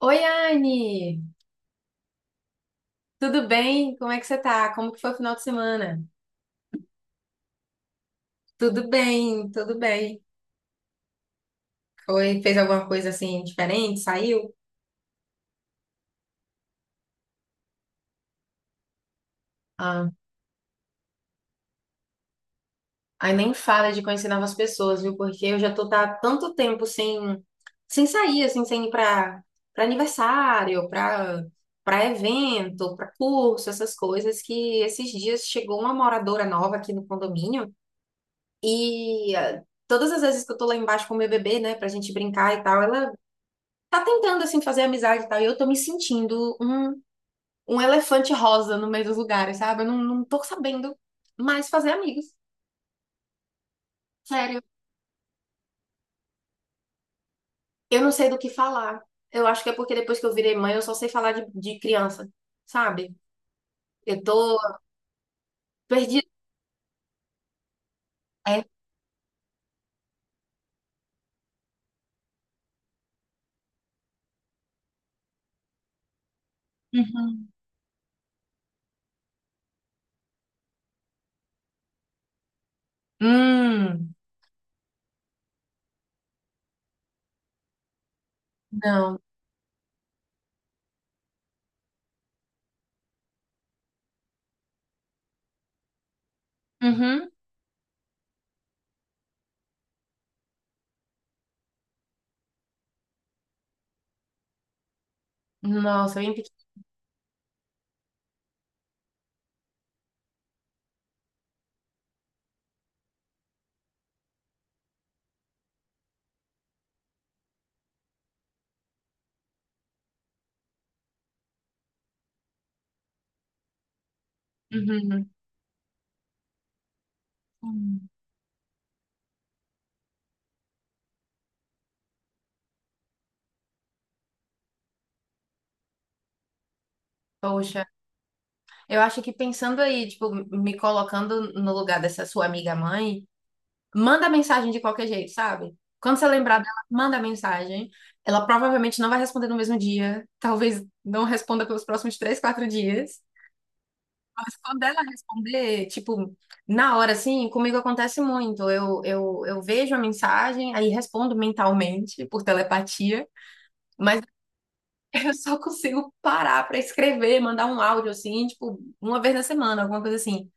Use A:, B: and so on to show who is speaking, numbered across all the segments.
A: Oi, Anne! Tudo bem? Como é que você tá? Como que foi o final de semana? Tudo bem, tudo bem. Foi, fez alguma coisa assim diferente? Saiu? Ah, aí nem fala de conhecer novas pessoas, viu? Porque eu já tô há tanto tempo sem sair, assim, sem ir pra para aniversário, pra para evento, pra curso, essas coisas. Que esses dias chegou uma moradora nova aqui no condomínio e todas as vezes que eu tô lá embaixo com o meu bebê, né, pra gente brincar e tal, ela tá tentando, assim, fazer amizade e tal, e eu tô me sentindo um elefante rosa no meio dos lugares, sabe? Eu não tô sabendo mais fazer amigos, sério. Eu não sei do que falar. Eu acho que é porque depois que eu virei mãe, eu só sei falar de criança, sabe? Eu tô perdida. É. Uhum. Hum, não. Uhum. Nossa, bem pequena. Uhum. Uhum. Poxa, eu acho que pensando aí, tipo, me colocando no lugar dessa sua amiga mãe, manda mensagem de qualquer jeito, sabe? Quando você lembrar dela, manda mensagem. Ela provavelmente não vai responder no mesmo dia. Talvez não responda pelos próximos três, quatro dias. Mas quando ela responder, tipo, na hora, assim, comigo acontece muito. Eu vejo a mensagem, aí respondo mentalmente, por telepatia. Mas eu só consigo parar pra escrever, mandar um áudio, assim, tipo, uma vez na semana, alguma coisa assim.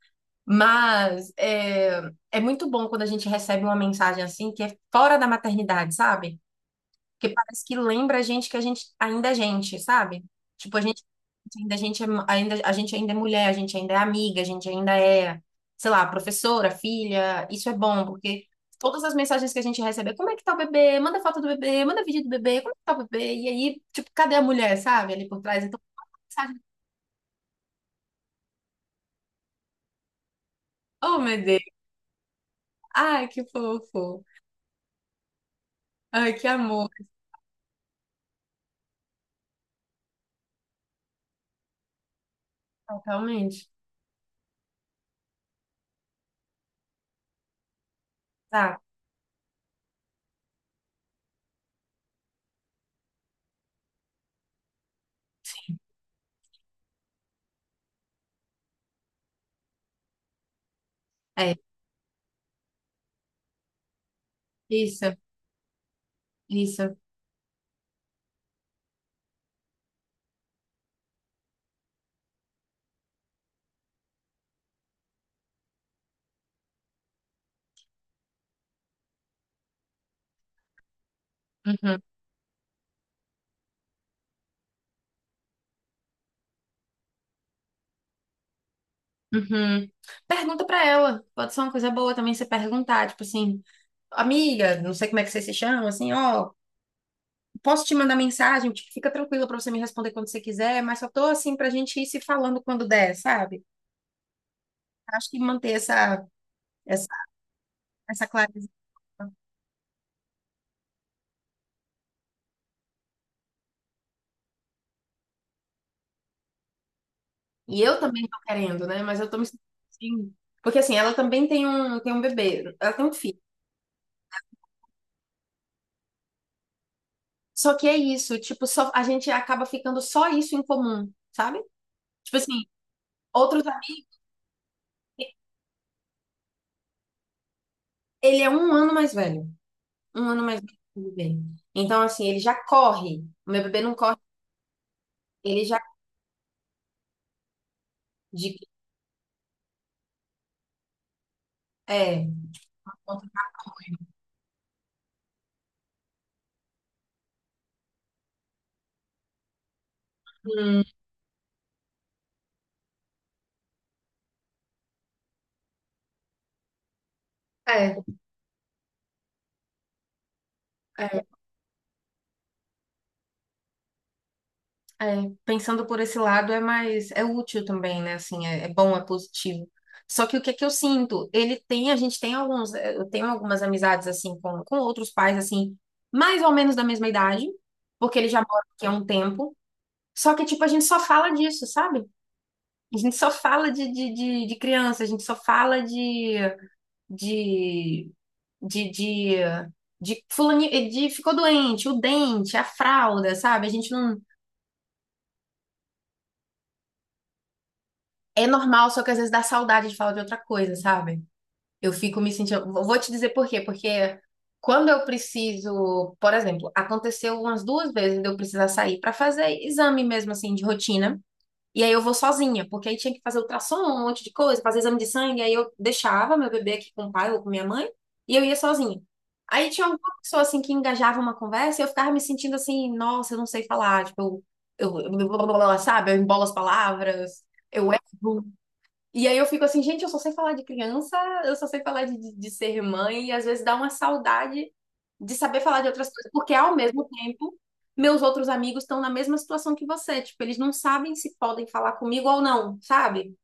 A: Mas é muito bom quando a gente recebe uma mensagem assim que é fora da maternidade, sabe? Porque parece que lembra a gente que a gente ainda é gente, sabe? Tipo, a gente ainda é mulher, a gente ainda é amiga, a gente ainda é, sei lá, professora, filha. Isso é bom, porque todas as mensagens que a gente recebe é como é que tá o bebê? Manda foto do bebê, manda vídeo do bebê, como é que tá o bebê? E aí, tipo, cadê a mulher, sabe? Ali por trás. Então, mensagem, oh meu Deus, ai, que fofo, ai, que amor, totalmente. Tá. É, isso, isso. Uhum, uhum. Pergunta pra ela. Pode ser uma coisa boa também você perguntar, tipo assim, amiga, não sei como é que você se chama, assim, ó, posso te mandar mensagem? Tipo, fica tranquila pra você me responder quando você quiser, mas só tô assim pra gente ir se falando quando der, sabe? Acho que manter essa, essa clareza. E eu também tô querendo, né? Mas eu tô me sentindo assim. Porque assim, ela também tem um bebê, ela tem um filho. Só que é isso, tipo, só, a gente acaba ficando só isso em comum, sabe? Tipo assim, outros, ele é um ano mais velho. Um ano mais velho que o bebê. Então, assim, ele já corre. O meu bebê não corre, ele já. De, é. Hum, é, é, é. Pensando por esse lado é mais, é útil também, né? Assim, é, é bom, é positivo. Só que o que é que eu sinto? Ele tem, a gente tem alguns, eu tenho algumas amizades assim com outros pais assim, mais ou menos da mesma idade, porque ele já mora aqui há um tempo. Só que tipo a gente só fala disso, sabe? A gente só fala de criança, a gente só fala de, de, de, de ficou doente, o dente, a fralda, sabe? A gente não. É normal, só que às vezes dá saudade de falar de outra coisa, sabe? Eu fico me sentindo. Vou te dizer por quê, porque quando eu preciso, por exemplo, aconteceu umas duas vezes de eu precisar sair para fazer exame mesmo assim de rotina. E aí eu vou sozinha, porque aí tinha que fazer ultrassom, um monte de coisa, fazer exame de sangue, aí eu deixava meu bebê aqui com o pai ou com minha mãe, e eu ia sozinha. Aí tinha alguma pessoa assim que engajava uma conversa e eu ficava me sentindo assim, nossa, eu não sei falar, tipo, sabe, eu embolo as palavras, eu erro. E aí eu fico assim, gente, eu só sei falar de criança, eu só sei falar de ser mãe, e às vezes dá uma saudade de saber falar de outras coisas, porque ao mesmo tempo, meus outros amigos estão na mesma situação que você, tipo, eles não sabem se podem falar comigo ou não, sabe?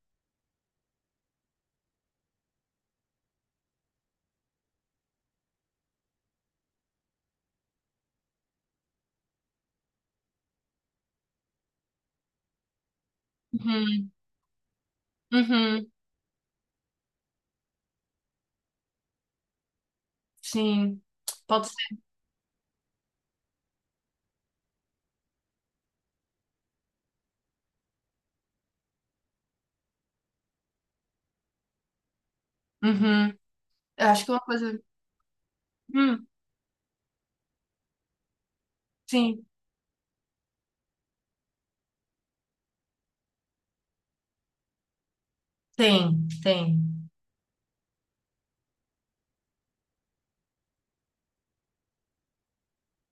A: Uhum, uhum, sim, pode ser. Uhum. Eu acho que uma coisa. Hum, sim, tem, tem.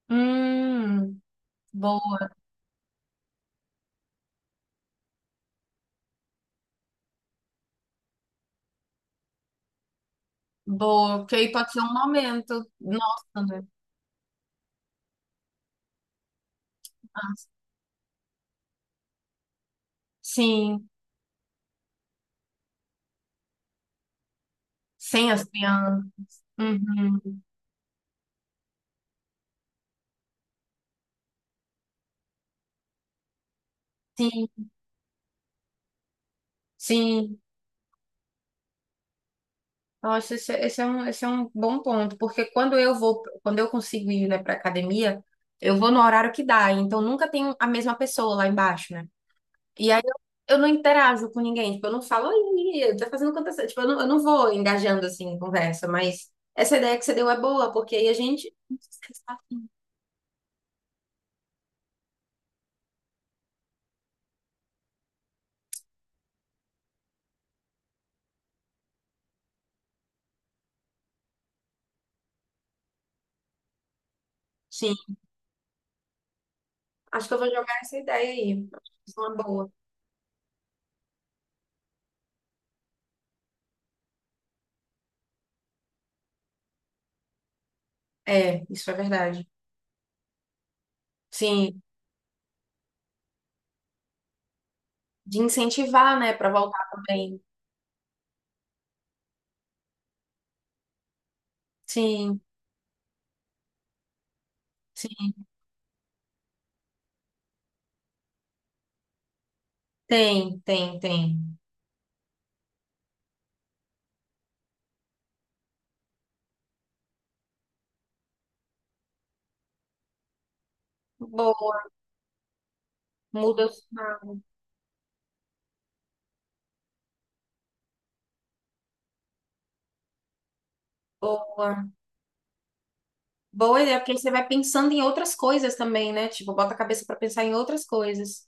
A: Hum, boa, boa. Porque aí pode ser um momento. Nossa, né? Ah, sim, sem as crianças. Uhum. Sim, sim. Nossa, esse é um bom ponto, porque quando eu vou, quando eu consigo ir, né, para academia, eu vou no horário que dá, então nunca tem a mesma pessoa lá embaixo, né? E aí eu não interajo com ninguém, tipo, eu não falo, oi, tá fazendo quantas, tipo, eu não vou engajando assim em conversa, mas essa ideia que você deu é boa, porque aí a gente. Sim, acho que eu vou jogar essa ideia aí. Acho uma boa. É, isso é verdade. Sim, de incentivar, né, para voltar também. Sim. Tem, tem, tem. Boa, muda o. Boa. Boa ideia, porque aí você vai pensando em outras coisas também, né? Tipo, bota a cabeça pra pensar em outras coisas.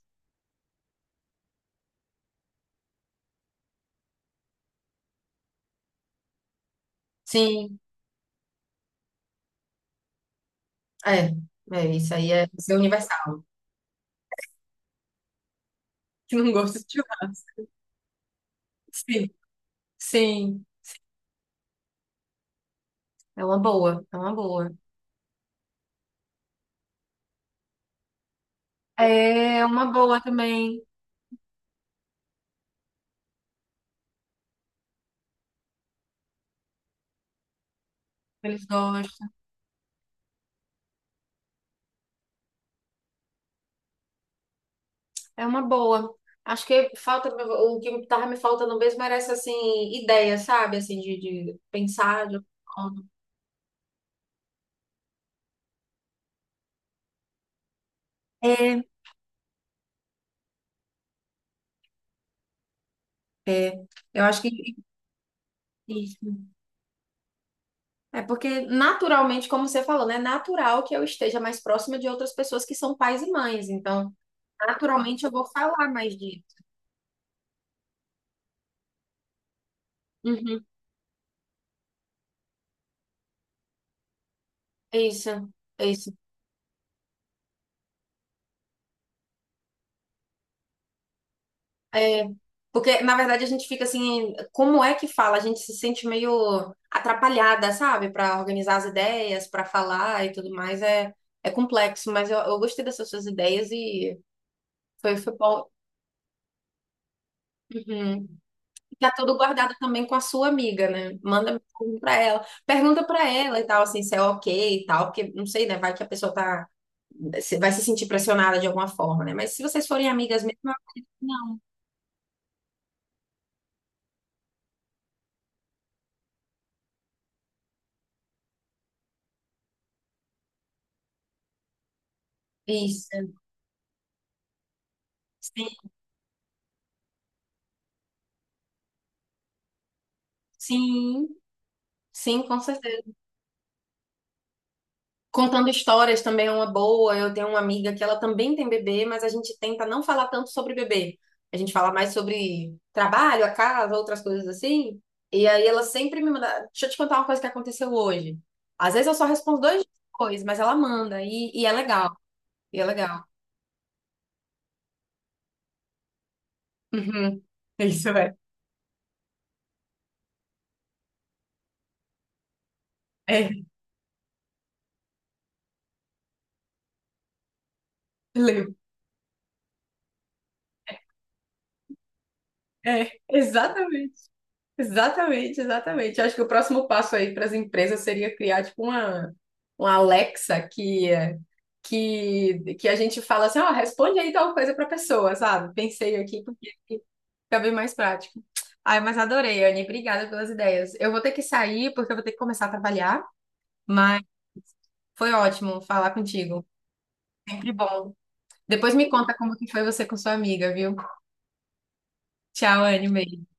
A: Sim, é. É, isso aí é, isso é universal. Que não gosta de churrasco. Sim, sim. É uma boa, é uma boa. É uma boa também. Eles gostam. É uma boa. Acho que falta, o que tava me faltando mesmo era essa, assim, ideia, sabe? Assim, de pensar, de. É, é. Eu acho que isso. É porque, naturalmente, como você falou, né? É natural que eu esteja mais próxima de outras pessoas que são pais e mães. Então, naturalmente, eu vou falar mais disso. Uhum. Isso, isso. É, porque, na verdade, a gente fica assim, como é que fala? A gente se sente meio atrapalhada, sabe? Para organizar as ideias, para falar e tudo mais. É, é complexo, mas eu gostei dessas suas ideias e foi bom. Uhum. Tá tudo guardado também com a sua amiga, né? Manda mensagem pra ela. Pergunta pra ela e tal, assim, se é ok e tal, porque não sei, né? Vai que a pessoa tá. Vai se sentir pressionada de alguma forma, né? Mas se vocês forem amigas mesmo, não. Isso. Sim, sim, sim, com certeza. Contando histórias também é uma boa. Eu tenho uma amiga que ela também tem bebê, mas a gente tenta não falar tanto sobre bebê. A gente fala mais sobre trabalho, a casa, outras coisas assim. E aí ela sempre me manda. Deixa eu te contar uma coisa que aconteceu hoje. Às vezes eu só respondo dois dias depois, mas ela manda. E é legal. E é legal. Uhum. Isso é. É, lembro. É, exatamente. Exatamente, exatamente. Eu acho que o próximo passo aí para as empresas seria criar, tipo, uma, Alexa que a gente fala assim, ó, responde aí tal coisa pra pessoa, sabe? Pensei aqui porque fica bem mais prático. Ai, mas adorei, Anne. Obrigada pelas ideias. Eu vou ter que sair porque eu vou ter que começar a trabalhar, mas foi ótimo falar contigo. Sempre bom. Depois me conta como que foi você com sua amiga, viu? Tchau, Anne. Beijo.